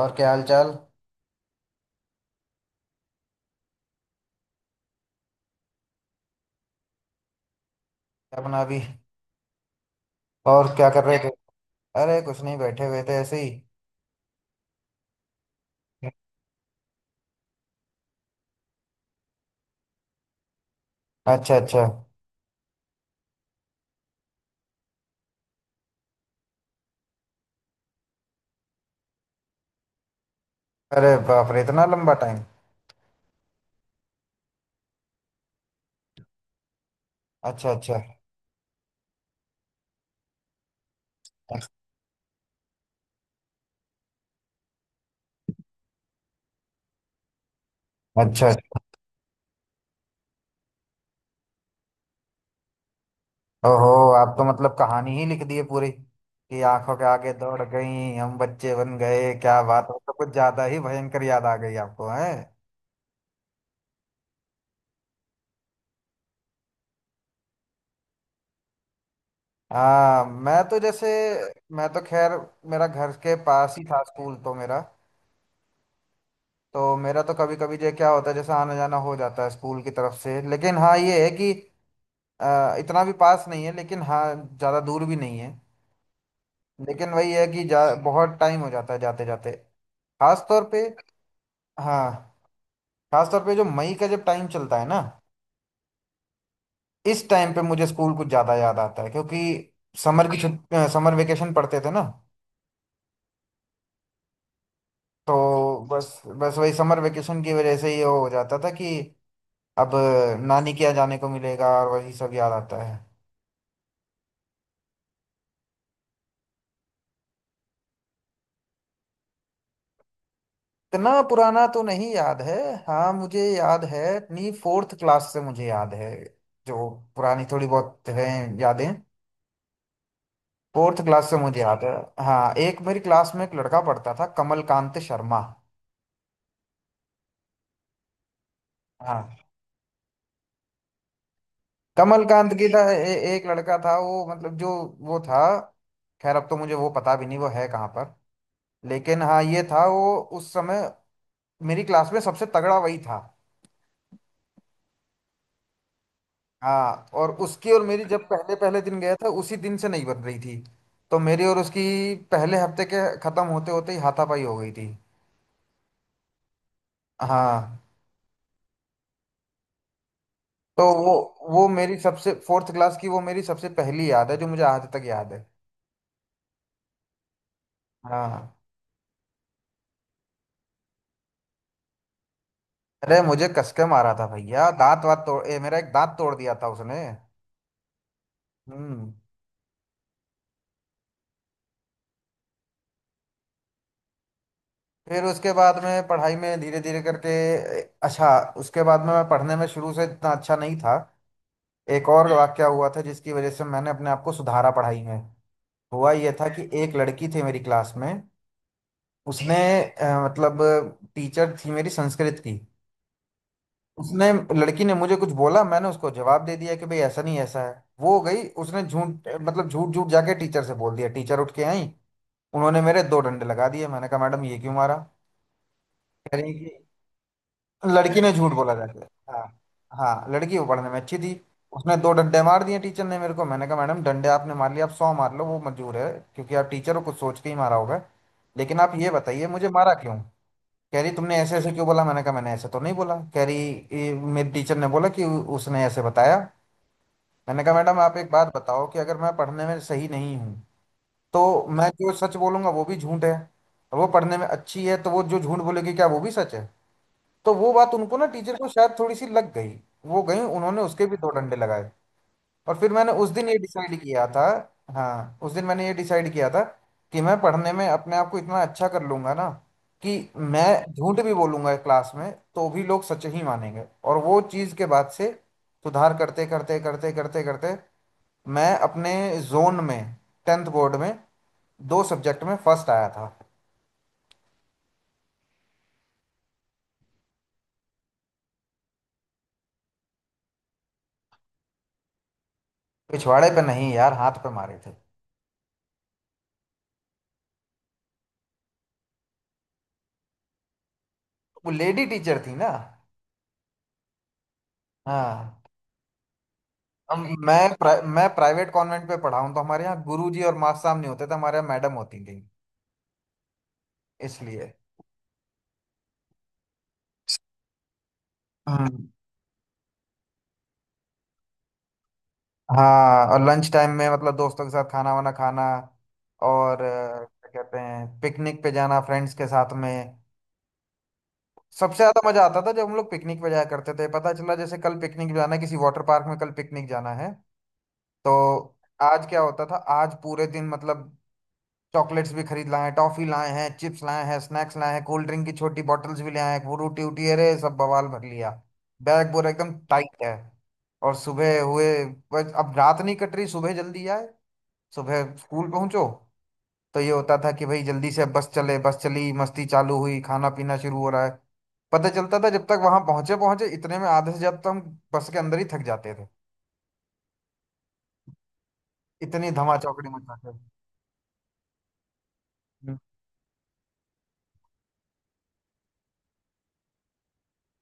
और क्या हाल चाल? क्या बना अभी? और क्या कर रहे थे? अरे कुछ नहीं, बैठे हुए थे ऐसे ही। अच्छा अच्छा। अरे बाप रे, इतना लंबा टाइम। अच्छा अच्छा। अच्छा अच्छा। ओहो। आप तो मतलब कहानी ही लिख दी है पूरी कि आंखों के आगे दौड़ गई, हम बच्चे बन गए, क्या बात है! तो कुछ ज्यादा ही भयंकर याद आ गई आपको है? हाँ, मैं तो जैसे मैं तो खैर, मेरा घर के पास ही था स्कूल। तो मेरा तो मेरा तो कभी कभी जो क्या होता है जैसे आना जाना हो जाता है स्कूल की तरफ से, लेकिन हाँ ये है कि इतना भी पास नहीं है, लेकिन हाँ ज़्यादा दूर भी नहीं है। लेकिन वही है कि बहुत टाइम हो जाता है जाते जाते। खास तौर पे। हाँ। खास तौर पे जो मई का जब टाइम चलता है ना, इस टाइम पे मुझे स्कूल कुछ ज़्यादा याद आता है, क्योंकि समर की छुट्टी, समर वेकेशन पढ़ते थे ना। तो बस बस वही समर वेकेशन की वजह से ये हो जाता था कि अब नानी के यहाँ जाने को मिलेगा, और वही सब याद आता है। इतना पुराना तो नहीं याद है। हाँ, मुझे याद है, अपनी फोर्थ क्लास से मुझे याद है जो पुरानी थोड़ी बहुत है, यादें। फोर्थ क्लास से मुझे याद है। हाँ, एक मेरी क्लास में एक लड़का पढ़ता था, कमलकांत शर्मा। हाँ, कमलकांत की था एक लड़का था वो मतलब जो वो था, खैर अब तो मुझे वो पता भी नहीं वो है कहाँ पर, लेकिन हाँ ये था वो उस समय मेरी क्लास में सबसे तगड़ा वही था। हाँ, और उसकी और मेरी जब पहले पहले दिन गया था उसी दिन से नहीं बन रही थी। तो मेरी और उसकी पहले हफ्ते के खत्म होते होते ही हाथापाई हो गई थी। हाँ। तो वो मेरी सबसे फोर्थ क्लास की वो मेरी सबसे पहली याद है जो मुझे आज तक याद है। हाँ। अरे मुझे कसके मारा था भैया, दांत वात तोड़ मेरा एक दांत तोड़ दिया था उसने। हम्म। फिर उसके बाद में पढ़ाई में धीरे धीरे करके अच्छा, उसके बाद में मैं पढ़ने में शुरू से इतना अच्छा नहीं था। एक और वाक्या हुआ था जिसकी वजह से मैंने अपने आप को सुधारा पढ़ाई में। हुआ यह था कि एक लड़की थी मेरी क्लास में। उसने मतलब टीचर थी मेरी संस्कृत की। उसने, लड़की ने मुझे कुछ बोला, मैंने उसको जवाब दे दिया कि भाई ऐसा नहीं ऐसा है। वो हो गई, उसने झूठ मतलब झूठ झूठ जाके टीचर से बोल दिया। टीचर उठ के आई, उन्होंने मेरे दो डंडे लगा दिए। मैंने कहा, मैडम ये क्यों मारा? कह रही कि लड़की ने झूठ बोला जाके। हाँ। हाँ, लड़की वो पढ़ने में अच्छी थी। उसने दो डंडे मार दिए टीचर ने मेरे को। मैंने कहा, मैडम डंडे आपने मार लिए, आप सौ मार लो वो मंजूर है, क्योंकि आप टीचर हो कुछ सोच के ही मारा होगा। लेकिन आप ये बताइए मुझे मारा क्यों? कह रही, तुमने ऐसे ऐसे क्यों बोला। मैंने कहा, मैंने ऐसे तो नहीं बोला। कह रही, ये मेरे टीचर ने बोला कि उसने ऐसे बताया। मैंने कहा, मैडम आप एक बात बताओ कि अगर मैं पढ़ने में सही नहीं हूँ तो मैं जो सच बोलूंगा वो भी झूठ है, और वो पढ़ने में अच्छी है तो वो जो झूठ बोलेगी क्या वो भी सच है? तो वो बात उनको ना, टीचर को शायद थोड़ी सी लग गई। वो गई उन्होंने उसके भी दो डंडे लगाए। और फिर मैंने उस दिन ये डिसाइड किया था। हाँ उस दिन मैंने ये डिसाइड किया था कि मैं पढ़ने में अपने आप को इतना अच्छा कर लूंगा ना कि मैं झूठ भी बोलूंगा क्लास में तो भी लोग सच ही मानेंगे। और वो चीज़ के बाद से सुधार करते करते करते करते करते मैं अपने जोन में टेंथ बोर्ड में दो सब्जेक्ट में फर्स्ट आया था। पिछवाड़े पे नहीं यार, हाथ पे मारे थे। वो लेडी टीचर थी ना। हाँ। हम। मैं प्राइवेट कॉन्वेंट पे पढ़ा हूँ तो हमारे यहाँ गुरुजी और मास्टर साहब नहीं होते थे, हमारे यहाँ मैडम होती थी। इसलिए। हाँ। हाँ और लंच टाइम में मतलब दोस्तों के साथ खाना वाना खाना, और क्या कहते हैं पिकनिक पे जाना फ्रेंड्स के साथ में। सबसे ज्यादा मजा आता था जब हम लोग पिकनिक पे जाया करते थे। पता चला जैसे कल पिकनिक जाना है किसी वाटर पार्क में, कल पिकनिक जाना है। तो आज क्या होता था, आज पूरे दिन मतलब चॉकलेट्स भी खरीद लाए हैं, टॉफी लाए हैं, चिप्स लाए हैं, स्नैक्स लाए हैं, कोल्ड ड्रिंक की छोटी बॉटल्स भी ले आए हैं, वो रोटी वोटी अरे सब बवाल भर लिया। बैग पूरा एकदम टाइट है। और सुबह हुए, बस अब रात नहीं कट रही, सुबह जल्दी आए सुबह स्कूल पहुंचो। तो ये होता था कि भाई जल्दी से अब बस चले बस चली मस्ती चालू हुई खाना पीना शुरू हो रहा है। पता चलता था जब तक वहां पहुंचे पहुंचे इतने में आधे से जब तक हम बस के अंदर ही थक जाते थे, इतनी धमा चौकड़ी मचाते थे।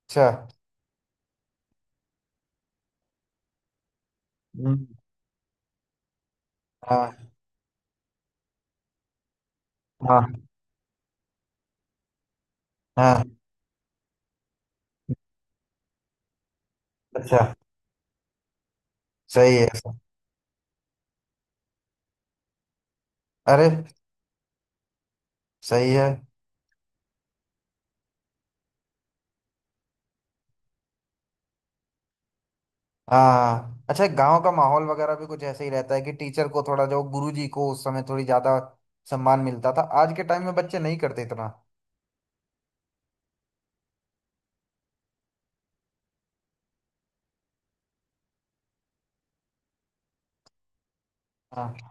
अच्छा। हम्म। हाँ हाँ हाँ। अच्छा, सही है सर। अरे सही है। हाँ, अच्छा गांव का माहौल वगैरह भी कुछ ऐसे ही रहता है कि टीचर को थोड़ा, जो गुरु जी को उस समय थोड़ी ज्यादा सम्मान मिलता था, आज के टाइम में बच्चे नहीं करते इतना। हाँ।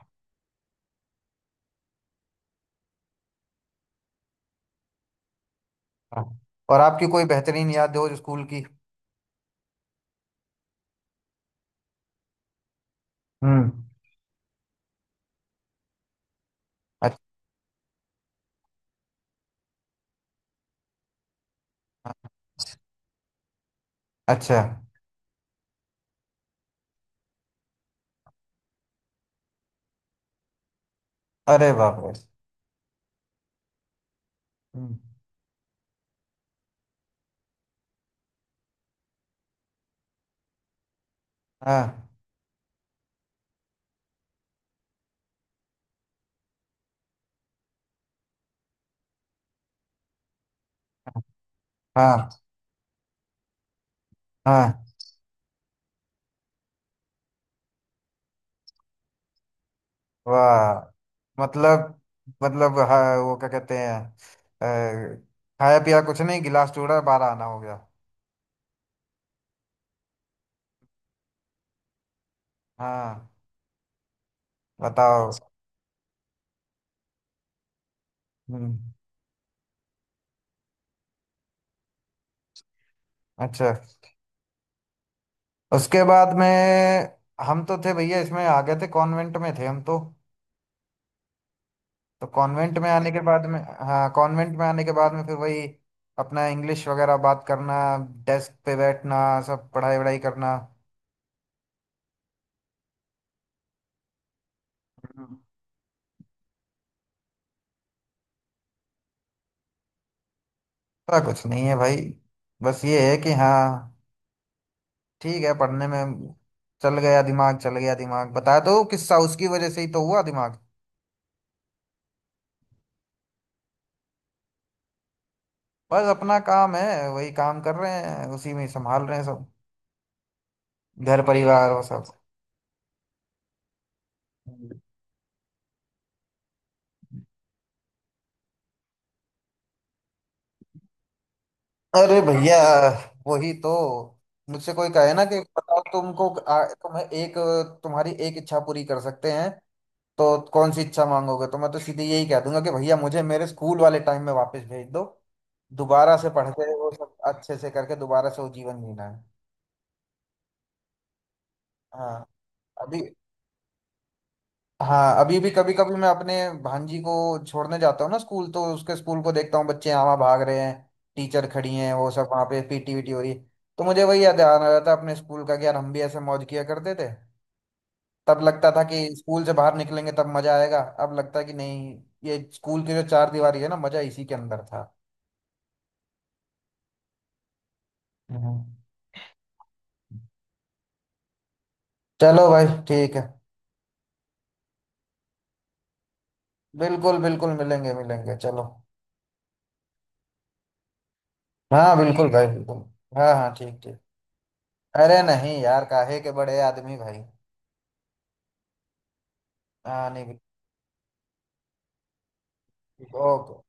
हाँ और आपकी कोई बेहतरीन याद हो स्कूल की? हम्म। अच्छा। अच्छा। अरे बाप रे। हम्म। हाँ हाँ हाँ। वाह मतलब, मतलब हाँ वो क्या कहते हैं अ, खाया पिया कुछ नहीं गिलास टूटा बारह आना हो गया। हाँ। बताओ। हम्म। अच्छा, उसके बाद में हम तो थे भैया इसमें आ गए थे, कॉन्वेंट में थे हम तो। तो कॉन्वेंट में आने के बाद में, हाँ कॉन्वेंट में आने के बाद में फिर वही अपना इंग्लिश वगैरह बात करना, डेस्क पे बैठना, सब पढ़ाई वढ़ाई करना। हम्म। ऐसा कुछ नहीं है भाई, बस ये है कि हाँ ठीक है पढ़ने में चल गया दिमाग, चल गया दिमाग, बताया तो किस्सा उसकी वजह से ही तो हुआ दिमाग। बस अपना काम है वही काम कर रहे हैं उसी में, संभाल रहे हैं सब, घर परिवार वो सब। अरे भैया वही तो। मुझसे कोई कहे ना कि बताओ तुमको तुम्हें एक तुम्हारी एक इच्छा पूरी कर सकते हैं तो कौन सी इच्छा मांगोगे, तो मैं तो सीधे यही कह दूंगा कि भैया मुझे मेरे स्कूल वाले टाइम में वापस भेज दो, दोबारा से पढ़ के वो सब अच्छे से करके दोबारा से वो जीवन जीना है। हाँ अभी। हाँ अभी भी कभी कभी मैं अपने भांजी को छोड़ने जाता हूँ ना स्कूल, तो उसके स्कूल को देखता हूँ, बच्चे यहाँ वहाँ भाग रहे हैं, टीचर खड़ी हैं वो सब वहाँ पे पीटी वीटी हो रही है। तो मुझे वही याद आ रहा था अपने स्कूल का कि यार हम भी ऐसे मौज किया करते थे। तब लगता था कि स्कूल से बाहर निकलेंगे तब मजा आएगा, अब लगता है कि नहीं, ये स्कूल की जो चार दीवारी है ना मजा इसी के अंदर था। हम्म। चलो भाई ठीक है, बिल्कुल बिल्कुल मिलेंगे मिलेंगे चलो। हाँ बिल्कुल भाई बिल्कुल। हाँ हाँ ठीक ठीक। अरे नहीं यार काहे के बड़े आदमी भाई। हाँ नहीं। कि वो ओो